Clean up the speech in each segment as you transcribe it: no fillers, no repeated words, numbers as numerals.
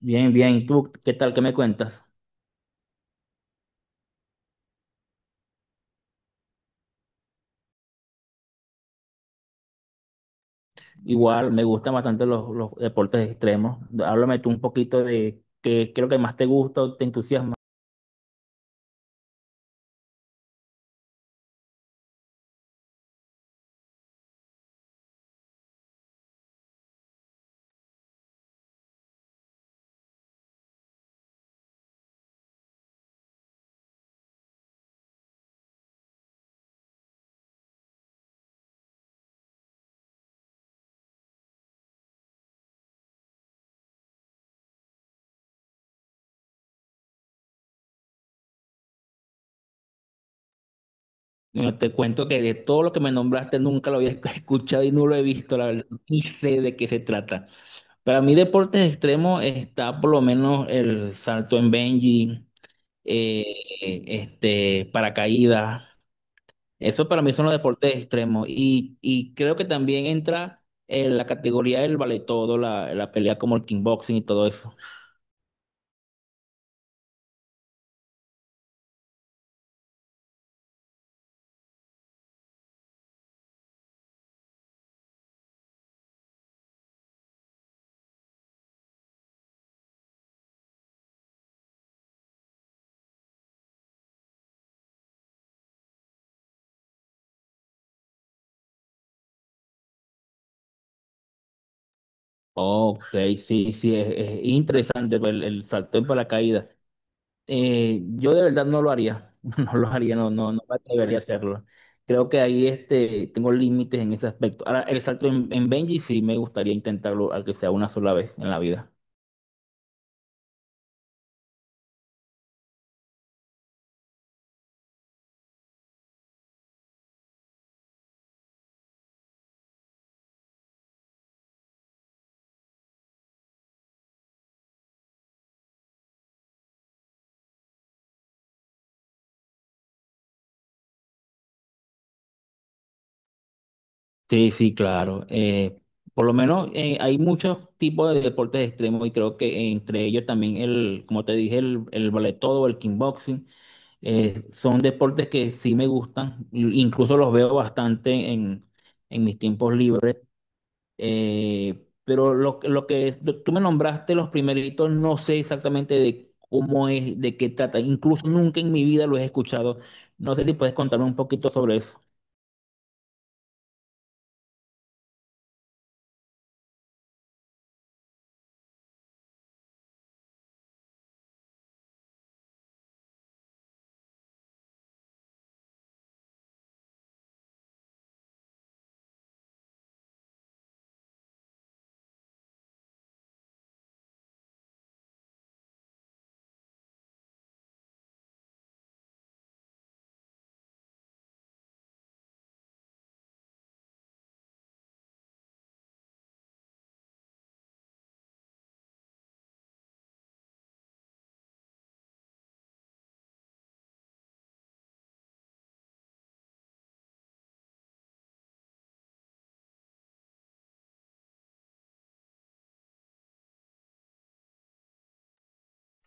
Bien, bien. ¿Y tú qué tal? ¿Qué me cuentas? Igual, me gustan bastante los deportes extremos. Háblame tú un poquito de qué es lo que más te gusta o te entusiasma. Bueno, te cuento que de todo lo que me nombraste nunca lo había escuchado y no lo he visto, la verdad. Ni sé de qué se trata. Para mí, deportes extremos está por lo menos el salto en bungee, eh, paracaídas. Eso para mí son los deportes extremos. Y creo que también entra en la categoría del vale todo, la pelea como el kickboxing y todo eso. Ok, sí, sí, es interesante el salto en paracaídas. Yo de verdad no lo haría. No lo haría, no, no, no me atrevería a hacerlo. Creo que ahí tengo límites en ese aspecto. Ahora, el salto en Benji sí me gustaría intentarlo, al que sea una sola vez en la vida. Sí, sí, claro. Por lo menos hay muchos tipos de deportes extremos y creo que entre ellos también el, como te dije, el ballet todo, el kickboxing, son deportes que sí me gustan, incluso los veo bastante en mis tiempos libres. Pero lo que es... tú me nombraste los primeritos, no sé exactamente de cómo es, de qué trata, incluso nunca en mi vida lo he escuchado. No sé si puedes contarme un poquito sobre eso.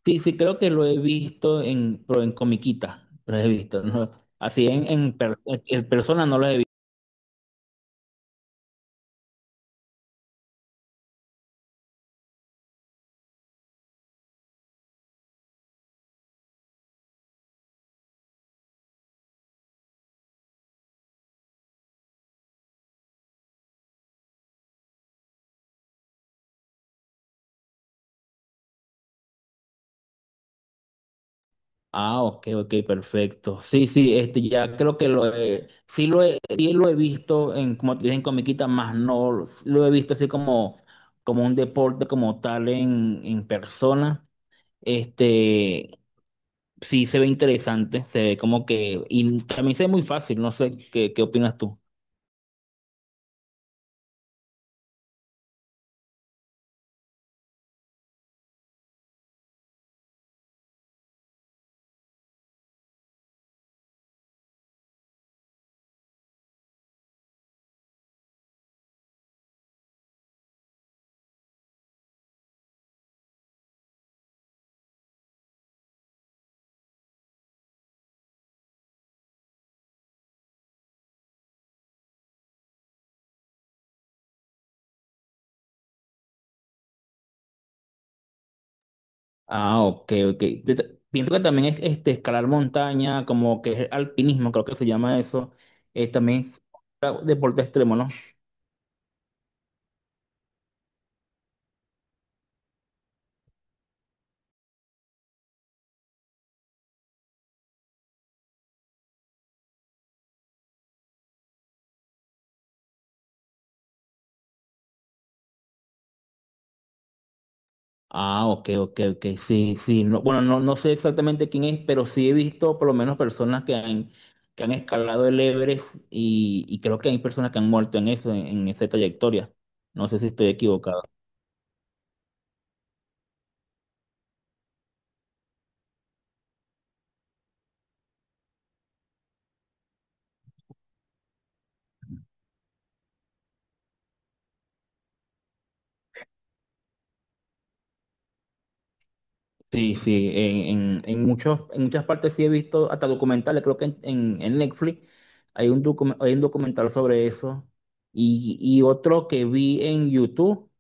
Sí, sí, creo que lo he visto en, pero en comiquita, lo he visto, ¿no? Así en, en persona no lo he visto. Ah, ok, ok, perfecto. Sí, sí, ya creo que lo he, sí lo he, sí lo he visto en, como te dije, en comiquita, más no lo he visto así como, como un deporte como tal en persona. Este, sí se ve interesante, se ve como que, y también se ve muy fácil, no sé, ¿qué, qué opinas tú? Ah, ok, ok. Pienso que también es escalar montaña, como que es alpinismo, creo que se llama eso. También es deporte extremo, ¿no? Ah, ok, ok, ok. Sí, sí. No, bueno, no, no sé exactamente quién es, pero sí he visto por lo menos personas que han escalado el Everest y creo que hay personas que han muerto en eso, en esa trayectoria. No sé si estoy equivocado. Sí, sí, en muchos, en muchas partes sí he visto hasta documentales, creo que en Netflix hay hay un documental sobre eso y otro que vi en YouTube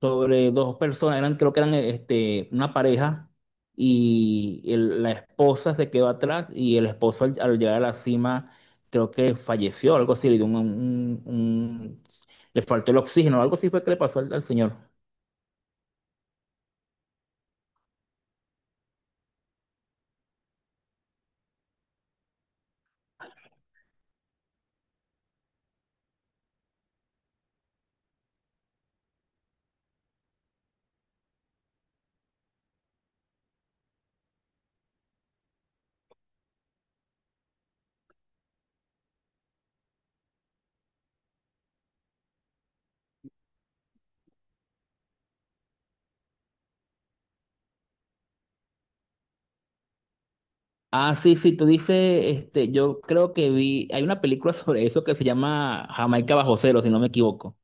sobre dos personas, eran, creo que eran una pareja y la esposa se quedó atrás y el esposo al llegar a la cima creo que falleció, algo así, le dio le faltó el oxígeno, algo así fue que le pasó al señor. Ah, sí, sí, tú dices, yo creo que vi, hay una película sobre eso que se llama Jamaica bajo cero, si no me equivoco.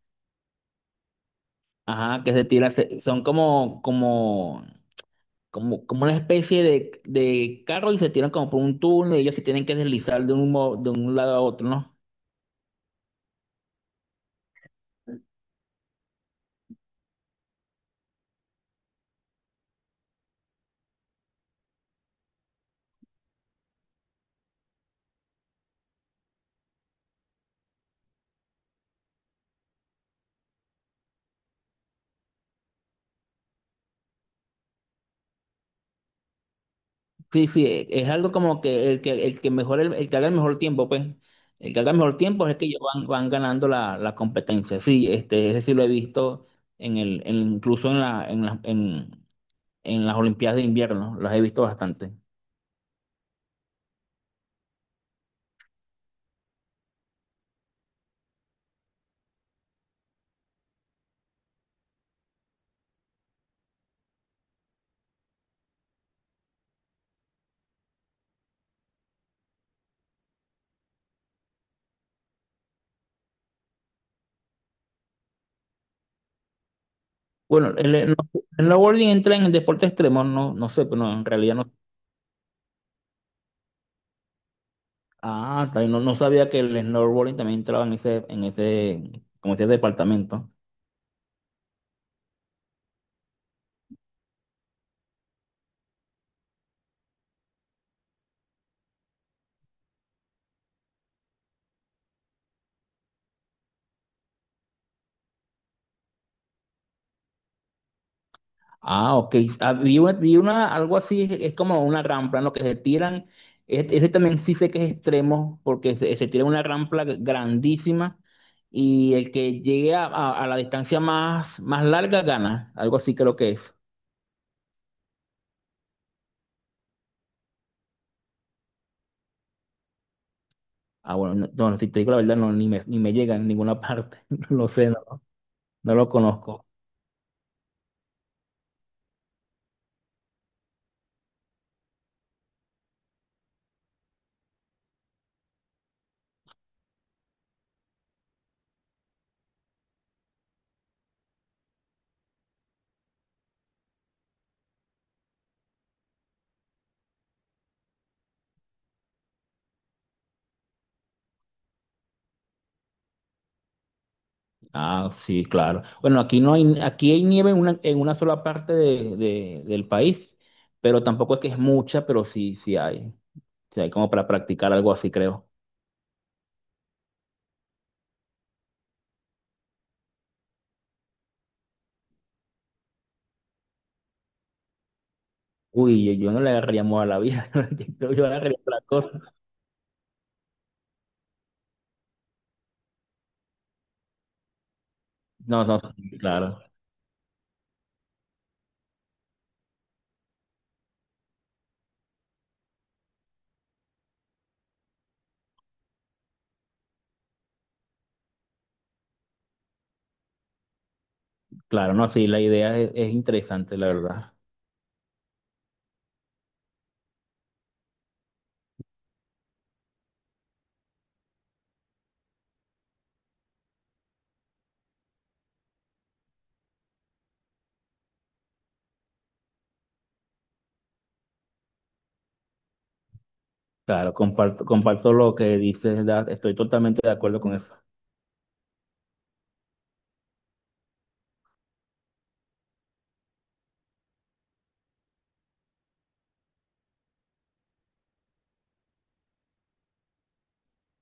Ajá, que son como, como, como, como una especie de carro y se tiran como por un túnel y ellos se tienen que deslizar de de un lado a otro, ¿no? Sí, sí, es algo como que el que, el que mejor, el que haga el mejor tiempo, pues, el que haga el mejor tiempo es el que ellos van, van ganando la competencia. Sí, ese sí lo he visto en incluso en la, en la, en las Olimpiadas de invierno, las he visto bastante. Bueno, el snowboarding entra en el deporte extremo, no, no sé, pero en realidad no. Ah, está bien, no, no sabía que el snowboarding también entraba en ese, como ese departamento. Ah, ok. Ah, algo así, es como una rampa en lo que se tiran. Ese también sí sé que es extremo, porque se tira una rampa grandísima y el que llegue a la distancia más, más larga gana. Algo así creo que es. Ah, bueno, no, no, si te digo la verdad, no, ni me llega en ninguna parte. No lo sé, no, no lo conozco. Ah, sí, claro. Bueno, aquí no hay, aquí hay nieve en una sola parte de, del país, pero tampoco es que es mucha, pero sí, sí hay. Sí hay como para practicar algo así, creo. Uy, yo no le agarraría amor a la vida, yo creo que yo le agarraría otra cosa. No, no, sí, claro, claro, no, sí, la idea es interesante, la verdad. Claro, comparto, comparto lo que dices, estoy totalmente de acuerdo con eso.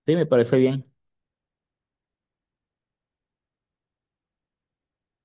Sí, me parece bien.